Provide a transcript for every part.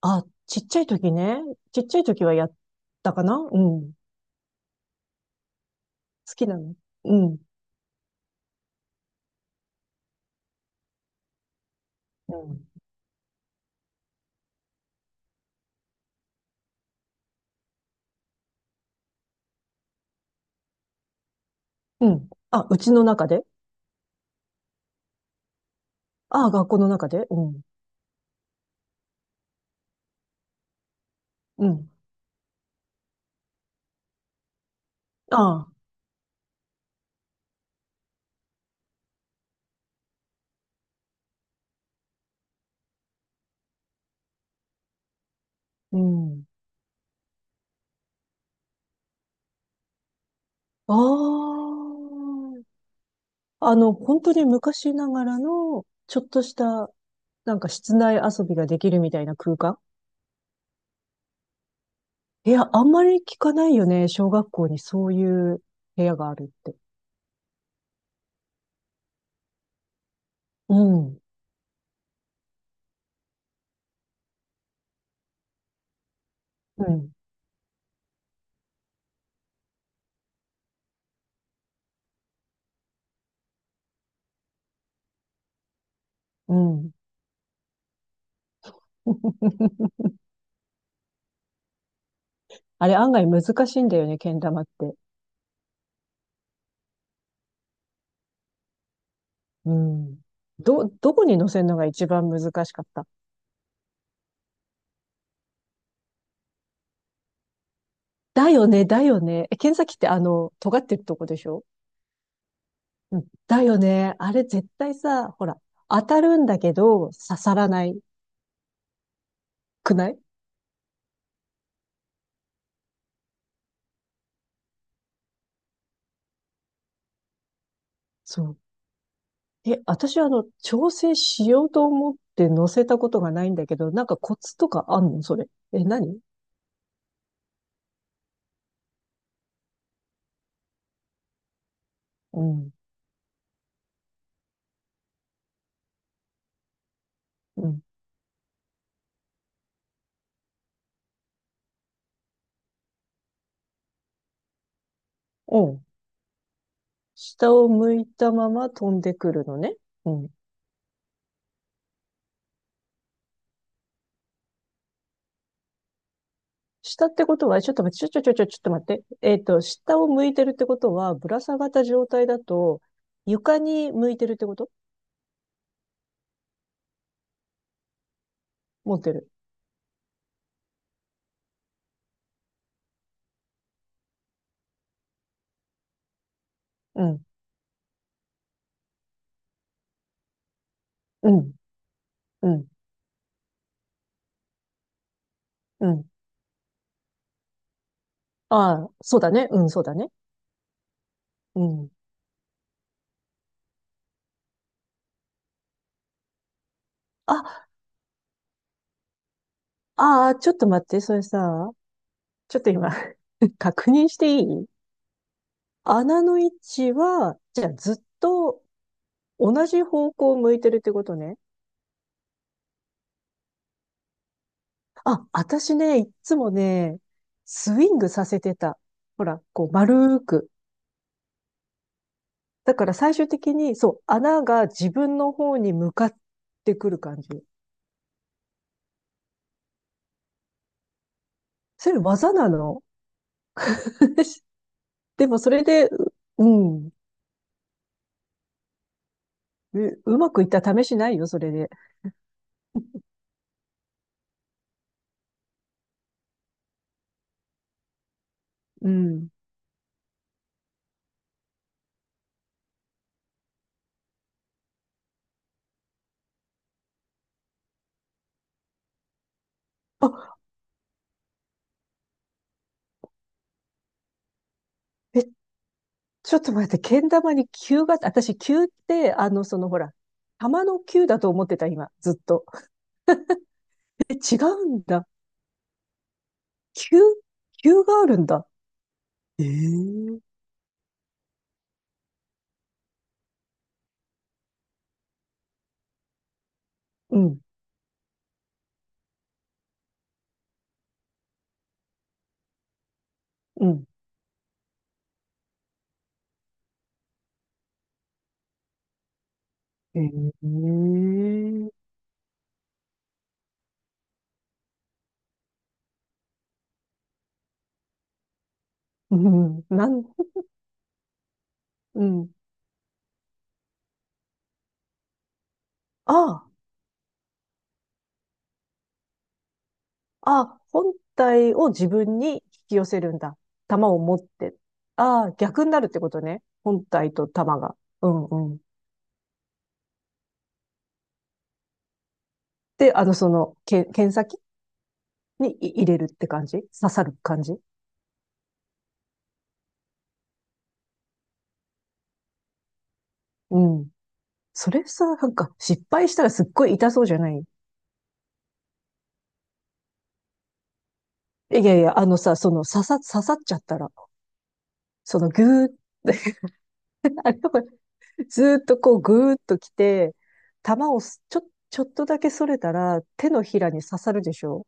あ、ちっちゃい時ね。ちっちゃい時はやったかなうん。好きなのうん。うん。うん。あ、うちの中で。あ、学校の中でうん。うん。あ、うん。ああ。本当に昔ながらの、ちょっとした、室内遊びができるみたいな空間。いや、あんまり聞かないよね。小学校にそういう部屋があるって。うん。うん。うん。あれ案外難しいんだよね、けん玉って。うん。どこに乗せるのが一番難しかった？だよね、だよね。え、剣先って尖ってるとこでしょ？うん。だよね。あれ絶対さ、ほら、当たるんだけど、刺さらないくない？そう。え、私調整しようと思って乗せたことがないんだけど、コツとかあんのそれ。え、何？うん、うん、うん。下を向いたまま飛んでくるのね。うん。下ってことは、ちょっと待って、ちょっと待って。下を向いてるってことは、ぶら下がった状態だと、床に向いてるってこと？持ってる。うん、うん、うん、うん。ああ、そうだね。うん、そうだね。うん。あ、ああ、ちょっと待って、それさ、ちょっと今 確認していい？穴の位置は、じゃあずっと同じ方向を向いてるってことね。あ、私ね、いっつもね、スイングさせてた。ほら、こう、丸く。だから最終的に、そう、穴が自分の方に向かってくる感じ。それ技なの？でもそれで、うん、う、うまくいった試しないよ、それで。うん。あ、え、ちょっと待って、けん玉に球が、私、球って、そのほら、玉の球だと思ってた、今、ずっと。え、違うんだ。球、球があるんだ。ええー、うん、うん。ええー、うん、なん、うん。ああ、あ、本体を自分に引き寄せるんだ。玉を持って。ああ、逆になるってことね。本体と玉が。うんうん。で、剣先にい入れるって感じ？刺さる感じ？うん。それさ、失敗したらすっごい痛そうじゃない？いやいや、あのさ、刺さっちゃったら、そのぐーっ、あれ、ずーっとこうぐーっと来て、玉をすちょ、ちょっとだけそれたら、手のひらに刺さるでしょ？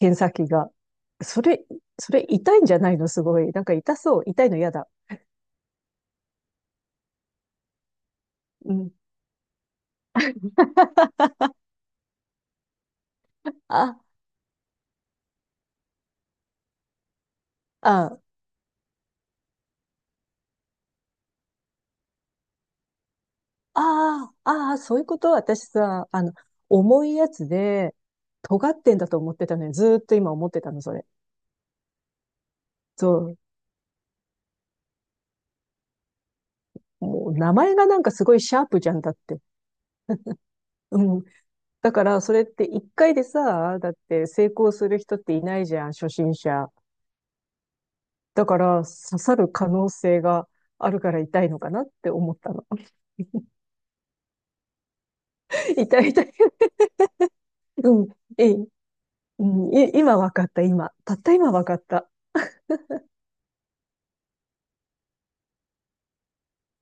検査機が。それ、それ痛いんじゃないの？すごい。なんか痛そう。痛いの嫌だ。うん。あ、あ、ああ、ああ、そういうこと。私さ、あの、重いやつで、尖ってんだと思ってたのよ。ずーっと今思ってたの、それ。そう。もう名前がなんかすごいシャープじゃんだって。うん。だから、それって一回でさ、だって成功する人っていないじゃん、初心者。だから、刺さる可能性があるから痛いのかなって思ったの。痛い痛い。うん。えい、うん、今わかった、今。たった今わかった。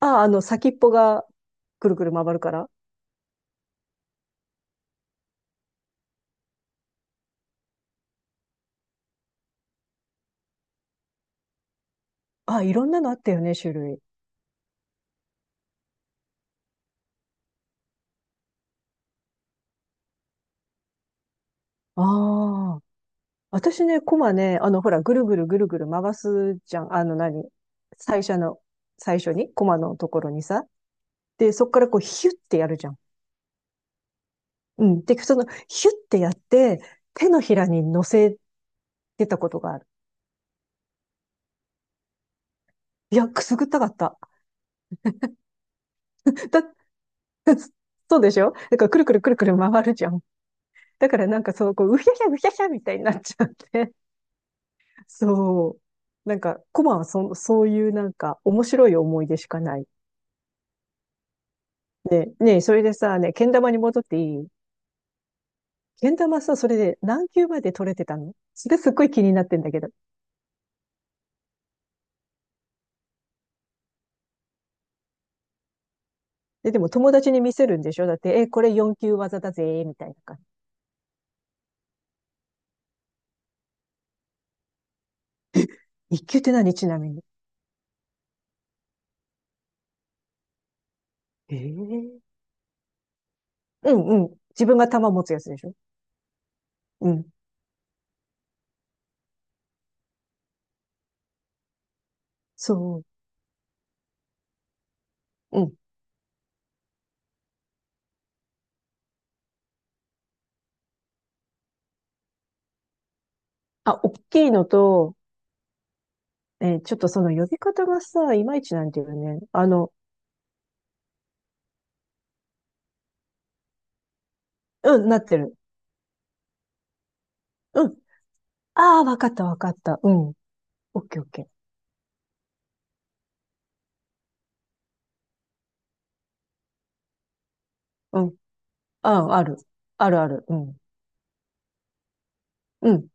あ、あの、先っぽがくるくる回るから。あ、いろんなのあったよね、種類。ああ。私ね、コマね、あの、ほら、ぐるぐるぐるぐる回すじゃん。あの何、最初の、最初に、コマのところにさ。で、そこからこう、ヒュッてやるじゃん。うん。で、その、ヒュッてやって、手のひらに乗せてたことがある。いや、くすぐったかった。だ、そうでしょ？だから、くるくるくるくる回るじゃん。だからなんかそう、こう、うひゃひゃ、うひゃひゃみたいになっちゃって、そう。なんか、コマはそ、そういうなんか、面白い思い出しかない。それでさ、ね、けん玉に戻っていい？けん玉さ、それで何級まで取れてたの？それすっごい気になってんだけど。でも友達に見せるんでしょ？だって、え、これ4級技だぜ、みたいな感じ。1級って何ちなみに。ええ、うんうん。自分が玉持つやつでしょ？うん。そう。うん。あ、大きいのと、えー、ちょっとその呼び方がさ、いまいちなんだよね。あの、うん、なってる。うん。ああ、わかったわかった。うん。オッケーオッケー。うん。ああ、ある。あるある。うん。うん。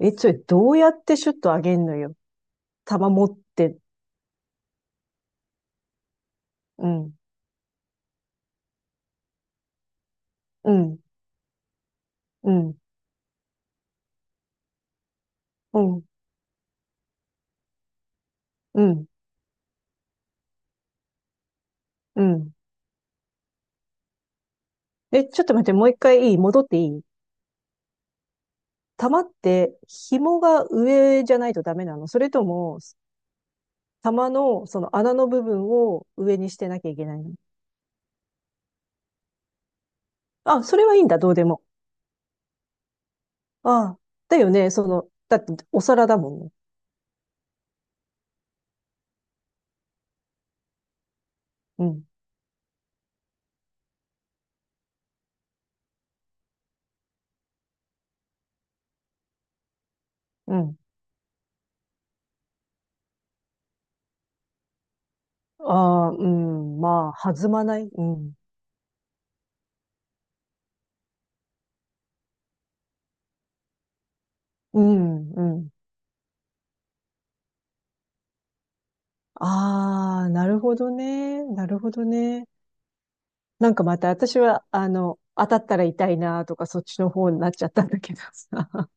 え、それどうやってシュッと上げんのよ。玉持って。うん。うん。うん。うん。うん。うん。え、ちょっと待って、もう一回いい？戻っていい？玉って紐が上じゃないとダメなの？それとも、玉のその穴の部分を上にしてなきゃいけないの？あ、それはいいんだ、どうでも。ああ、だよね。その、だってお皿だもんね。うん、うん。ああ、うん。まあ、弾まない。うん。うん、うん。ああ、なるほどね。なるほどね。なんかまた私は、あの、当たったら痛いなとか、そっちの方になっちゃったんだけどさ。なん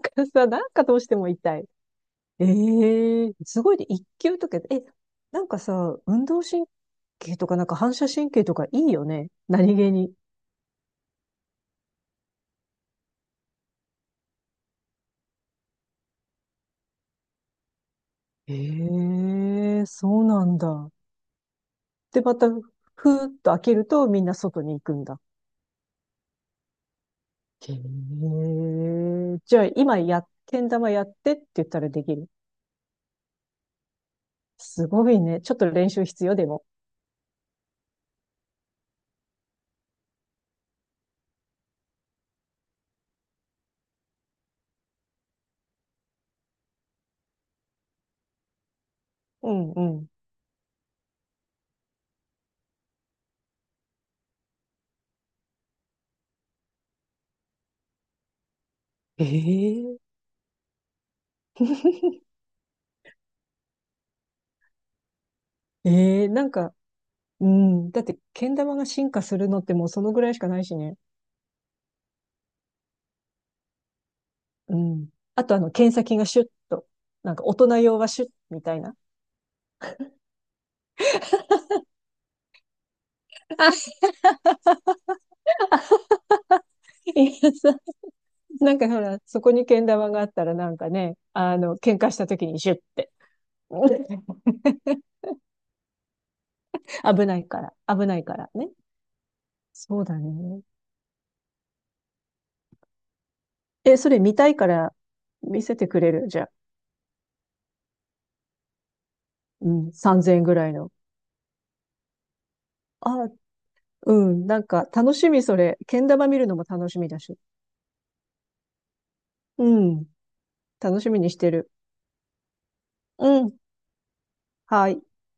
かさ、なんかどうしても痛い。ええ、すごいね。一級とか、え、なんかさ、運動神経とか、なんか反射神経とかいいよね。何気に。ええ、そうなんだ。で、また、ふーっと開けるとみんな外に行くんだ。へー、じゃあ今や、けん玉やってって言ったらできる？すごいね。ちょっと練習必要でも。うんうん。えー、えー、なんか、うん。だって、けん玉が進化するのってもうそのぐらいしかないしね。うん。あとあの、剣先がシュッと。なんか大人用はシュッみたいな。あ、いやさ、なんかほら、そこにけん玉があったらなんかね、あの、喧嘩した時にシュッって。危ないから、危ないからね。そうだね。え、それ見たいから見せてくれる？じゃあ。うん、3000円ぐらいの。あ、うん、なんか楽しみそれ。けん玉見るのも楽しみだし。うん、楽しみにしてる。うん、はい。